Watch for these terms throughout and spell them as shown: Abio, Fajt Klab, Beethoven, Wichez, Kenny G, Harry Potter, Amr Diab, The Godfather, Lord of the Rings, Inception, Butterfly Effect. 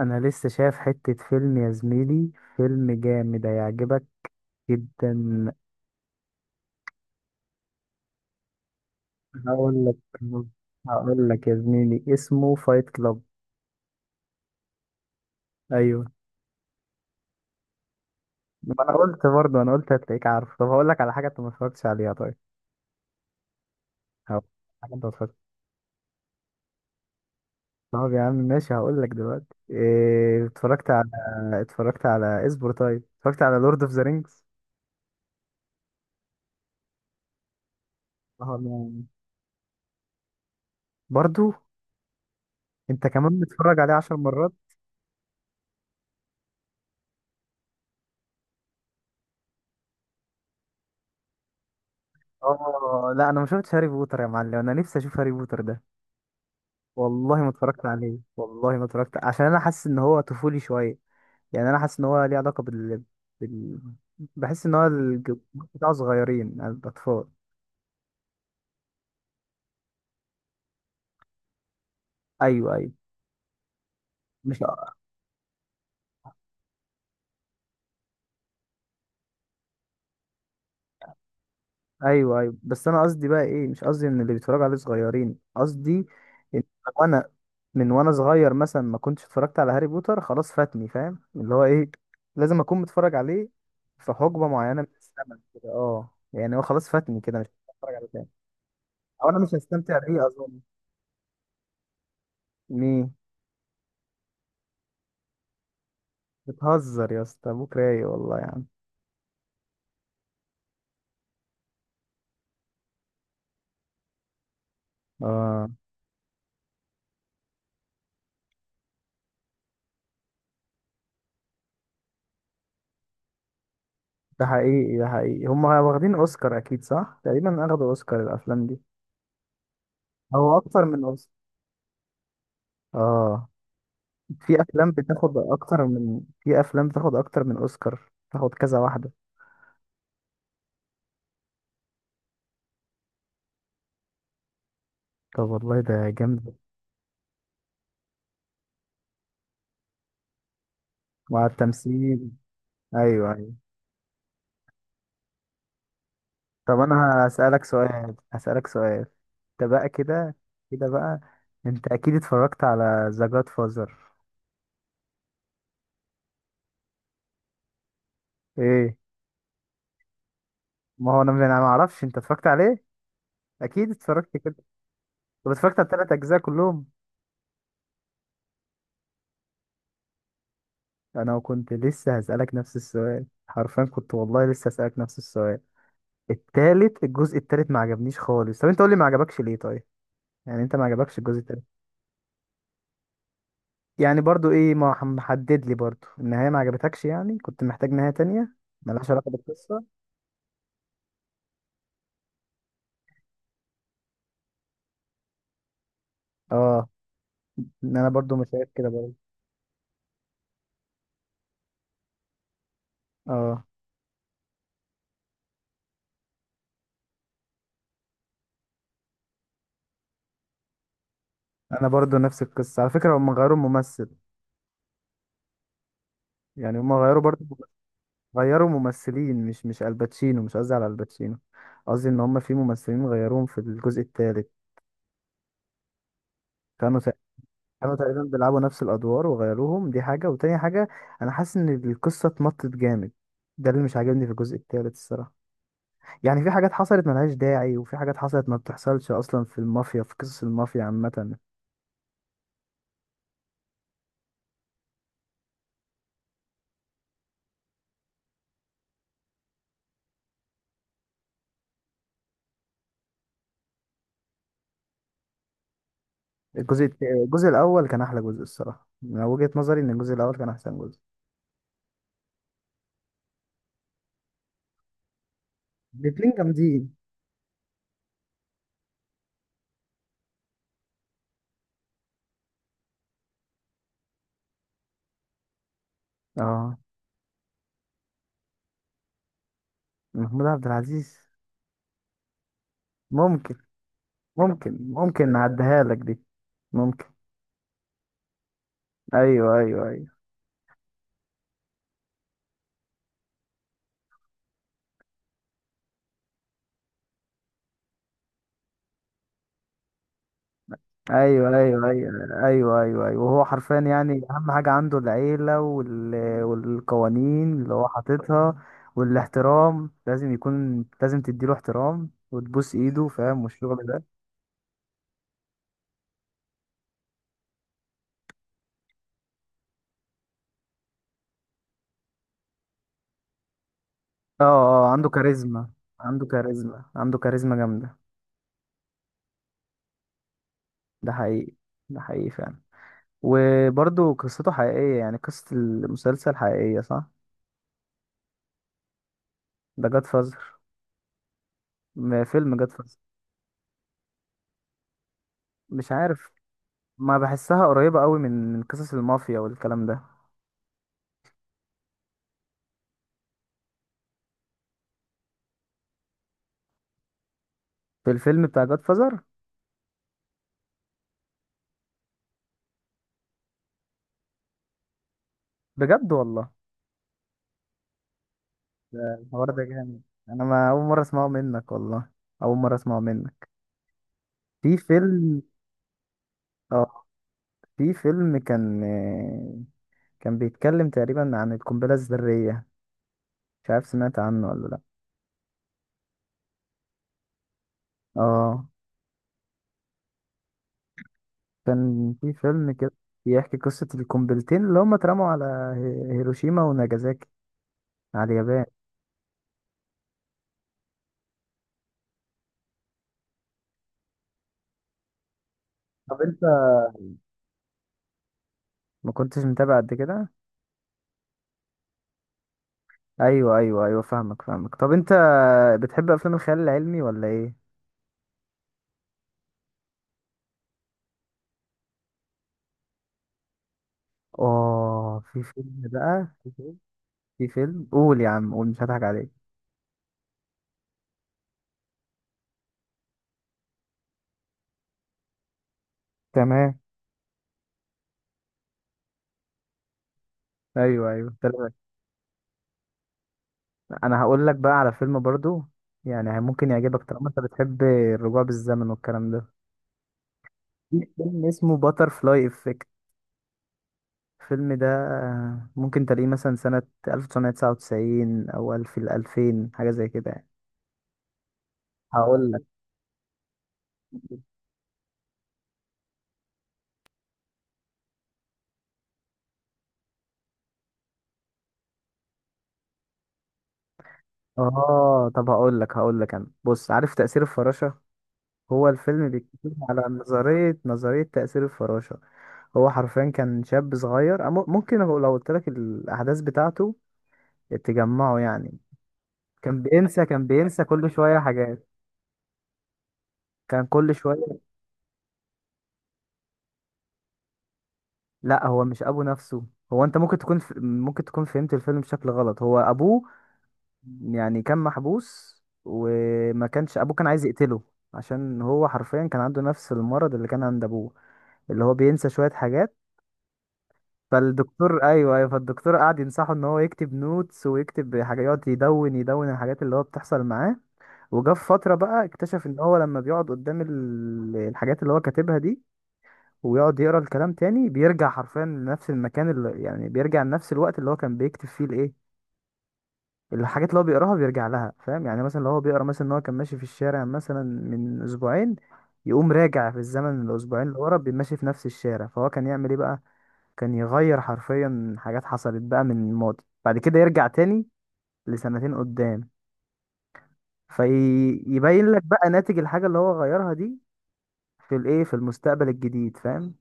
انا لسه شايف حتة فيلم يا زميلي. فيلم جامد هيعجبك جدا. هقول لك هقول لك يا زميلي، اسمه فايت كلاب. ايوه. ما انا قلت، برضه انا قلت هتلاقيك عارف. طب هقول لك على حاجة انت ما اتفرجتش عليها، طيب. هقول لك حاجة انت ما اتفرجتش. طب يا عم ماشي، هقول لك دلوقتي إيه اتفرجت على. اصبر، طيب، اتفرجت على لورد اوف ذا رينجز. برضو انت كمان بتتفرج عليه 10 مرات؟ اه، لا، انا ما شفتش هاري بوتر يا معلم. انا نفسي اشوف هاري بوتر ده. والله ما اتفرجت عليه، والله ما اتفرجت عشان انا حاسس ان هو طفولي شويه. يعني انا حاسس ان هو ليه علاقه بال... بحس ان هو بتاع صغيرين الاطفال. ايوه، ايوه، مش، ايوه، ايوه، بس انا قصدي بقى ايه؟ مش قصدي ان اللي بيتفرجوا عليه صغيرين، قصدي ان انا، من وانا صغير مثلا ما كنتش اتفرجت على هاري بوتر، خلاص فاتني، فاهم اللي هو ايه؟ لازم اكون متفرج عليه في حقبه معينه من الزمن كده. اه، يعني هو خلاص فاتني كده، مش هتفرج عليه تاني، او انا مش هستمتع بيه اظن. مين؟ بتهزر يا اسطى؟ ابوك رايق والله يا عم. اه. ده حقيقي، ده حقيقي، هما واخدين اوسكار اكيد صح، تقريبا اخدوا اوسكار الافلام دي. او اكتر من اوسكار. اه، في افلام بتاخد اكتر من اوسكار، تاخد كذا واحده. طب والله ده جامد. وعلى التمثيل. ايوه، ايوه. طب انا هسألك سؤال، هسألك سؤال. انت بقى كده، كده بقى، انت اكيد اتفرجت على ذا جاد فازر. ايه؟ ما هو انا، ما انا ما اعرفش انت اتفرجت عليه. اكيد اتفرجت كده. طب اتفرجت على الثلاث اجزاء كلهم؟ انا كنت لسه هسألك نفس السؤال حرفيا، كنت والله لسه هسألك نفس السؤال. التالت، الجزء التالت ما عجبنيش خالص. طب انت قول لي ما عجبكش ليه طيب، يعني انت ما عجبكش الجزء التالت. يعني برضو ايه، ما ح- محدد لي برضو النهاية ما عجبتكش؟ يعني كنت محتاج نهاية تانية ملهاش علاقة بالقصة. اه، ان انا برضو مش شايف كده برضو. اه، انا برضو نفس القصة على فكرة، هم غيروا الممثل. يعني هم غيروا برضو، غيروا ممثلين، مش الباتشينو، مش قصدي على الباتشينو. قصدي ان هم في ممثلين غيروهم في الجزء الثالث، كانوا تق- كانوا تقريبا بيلعبوا نفس الادوار وغيروهم، دي حاجه، وتاني حاجه، انا حاسس ان القصه اتمطت جامد. ده اللي مش عاجبني في الجزء الثالث الصراحه. يعني في حاجات حصلت ملهاش داعي، وفي حاجات حصلت ما بتحصلش اصلا في المافيا، في قصص المافيا عامه. الجزء الاول كان احلى جزء الصراحه. من وجهه نظري ان الجزء الاول كان احسن جزء. الاتنين جامدين. اه، محمود عبد العزيز. ممكن ممكن نعديها لك دي. ممكن. ايوه، ايوه، ايوه، ايوه، ايوه، ايوه، ايوه، ايوه، ايوه. وهو حرفيا يعني اهم حاجه عنده العيله والقوانين اللي هو حاططها. والاحترام لازم يكون، لازم تديله احترام وتبوس ايده، فاهم، والشغل ده. اه، اه، عنده كاريزما، عنده كاريزما، عنده كاريزما جامده. ده حقيقي، ده حقيقي فعلا. وبرضه قصته حقيقيه، يعني قصه المسلسل حقيقيه، صح؟ ده جاد فازر. فيلم جاد فازر. مش عارف. ما بحسها قريبة قوي من قصص المافيا والكلام ده. في الفيلم بتاع جاد فازر. بجد والله؟ ده الحوار ده جامد. انا ما اول مرة اسمعه منك والله، اول مرة اسمعه منك. في فيلم اه في فيلم كان، كان بيتكلم تقريبا عن القنبلة الذرية. مش عارف سمعت عنه ولا لا. اه، كان في فيلم كده بيحكي قصة القنبلتين اللي هما اترموا على هيروشيما وناجازاكي، على اليابان. طب انت ما كنتش متابع قد كده؟ ايوه، ايوه، ايوه، فاهمك، فاهمك. طب انت بتحب افلام الخيال العلمي ولا ايه؟ اه، في فيلم بقى في فيلم في فيلم قول يا عم قول، مش هضحك عليك. تمام. ايوه، ايوه، تمام. انا هقول لك بقى على فيلم برضو. يعني ممكن يعجبك طالما انت بتحب الرجوع بالزمن والكلام ده. في فيلم اسمه باتر فلاي افكت. الفيلم ده ممكن تلاقيه مثلا سنة 1999 او الف الالفين، حاجة زي كده يعني. هقول لك اه طب هقول لك هقول لك انا، بص، عارف تأثير الفراشة؟ هو الفيلم بيتكلم على نظرية تأثير الفراشة. هو حرفيا كان شاب صغير. ممكن لو قلت لك الأحداث بتاعته تجمعه يعني. كان بينسى كل شوية حاجات. كان كل شوية. لا، هو مش أبو نفسه. أنت ممكن تكون ممكن تكون فهمت الفيلم بشكل غلط. هو أبوه يعني، كان محبوس، وما كانش أبوه، كان عايز يقتله عشان هو حرفيا كان عنده نفس المرض اللي كان عند أبوه، اللي هو بينسى شوية حاجات. ايوه، ايوه، فالدكتور قعد ينصحه ان هو يكتب نوتس ويكتب حاجه، يقعد يدون يدون الحاجات اللي هو بتحصل معاه. وجا في فتره بقى اكتشف ان هو لما بيقعد قدام الحاجات اللي هو كاتبها دي ويقعد يقرا الكلام تاني، بيرجع حرفيا لنفس المكان، اللي يعني بيرجع لنفس الوقت اللي هو كان بيكتب فيه الايه، الحاجات اللي هو بيقراها بيرجع لها، فاهم؟ يعني مثلا لو هو بيقرا مثلا ان هو كان ماشي في الشارع مثلا من اسبوعين، يقوم راجع في الزمن الاسبوعين اللي ورا، بيمشي في نفس الشارع. فهو كان يعمل ايه بقى؟ كان يغير حرفيا حاجات حصلت بقى من الماضي، بعد كده يرجع تاني لسنتين قدام، فيبين لك بقى ناتج الحاجة اللي هو غيرها دي في الايه، في المستقبل الجديد، فاهم؟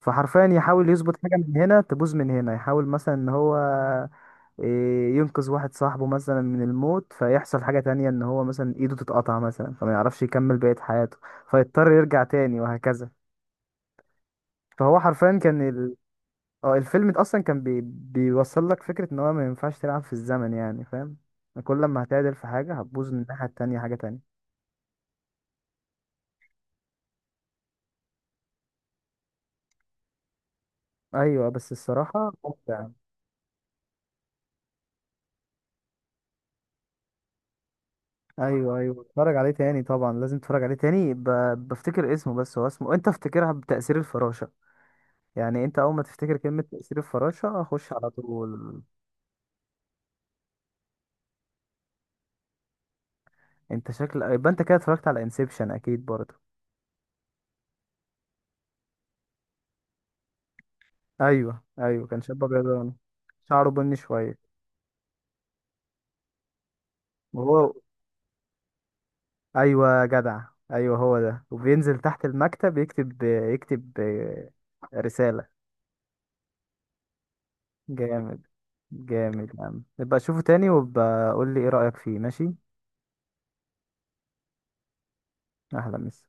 فحرفيا يحاول يظبط حاجة، من هنا تبوظ من هنا. يحاول مثلا ان هو ينقذ واحد صاحبه مثلا من الموت، فيحصل حاجة تانية ان هو مثلا ايده تتقطع مثلا، فما يعرفش يكمل بقية حياته، فيضطر يرجع تاني وهكذا. فهو حرفيا كان. اه، الفيلم ده اصلا كان بيوصل لك فكرة ان هو ما ينفعش تلعب في الزمن، يعني، فاهم. كل ما هتعدل في حاجة هتبوظ من الناحية التانية حاجة تانية. ايوه، بس الصراحة ممتع. ايوه، ايوه، اتفرج عليه تاني، طبعا لازم تتفرج عليه تاني بفتكر اسمه بس. هو اسمه انت افتكرها بتأثير الفراشة. يعني انت اول ما تفتكر كلمة تأثير الفراشة خش على طول. انت شكل يبقى انت كده اتفرجت على انسبشن اكيد برضه. ايوه، ايوه، كان شاب ابيضاني، شعره بني شوية. وهو، ايوه يا جدع، ايوه هو ده. وبينزل تحت المكتب يكتب رسالة. جامد، جامد يا عم. نبقى اشوفه تاني وابقى قول لي ايه رأيك فيه، ماشي؟ اهلا مس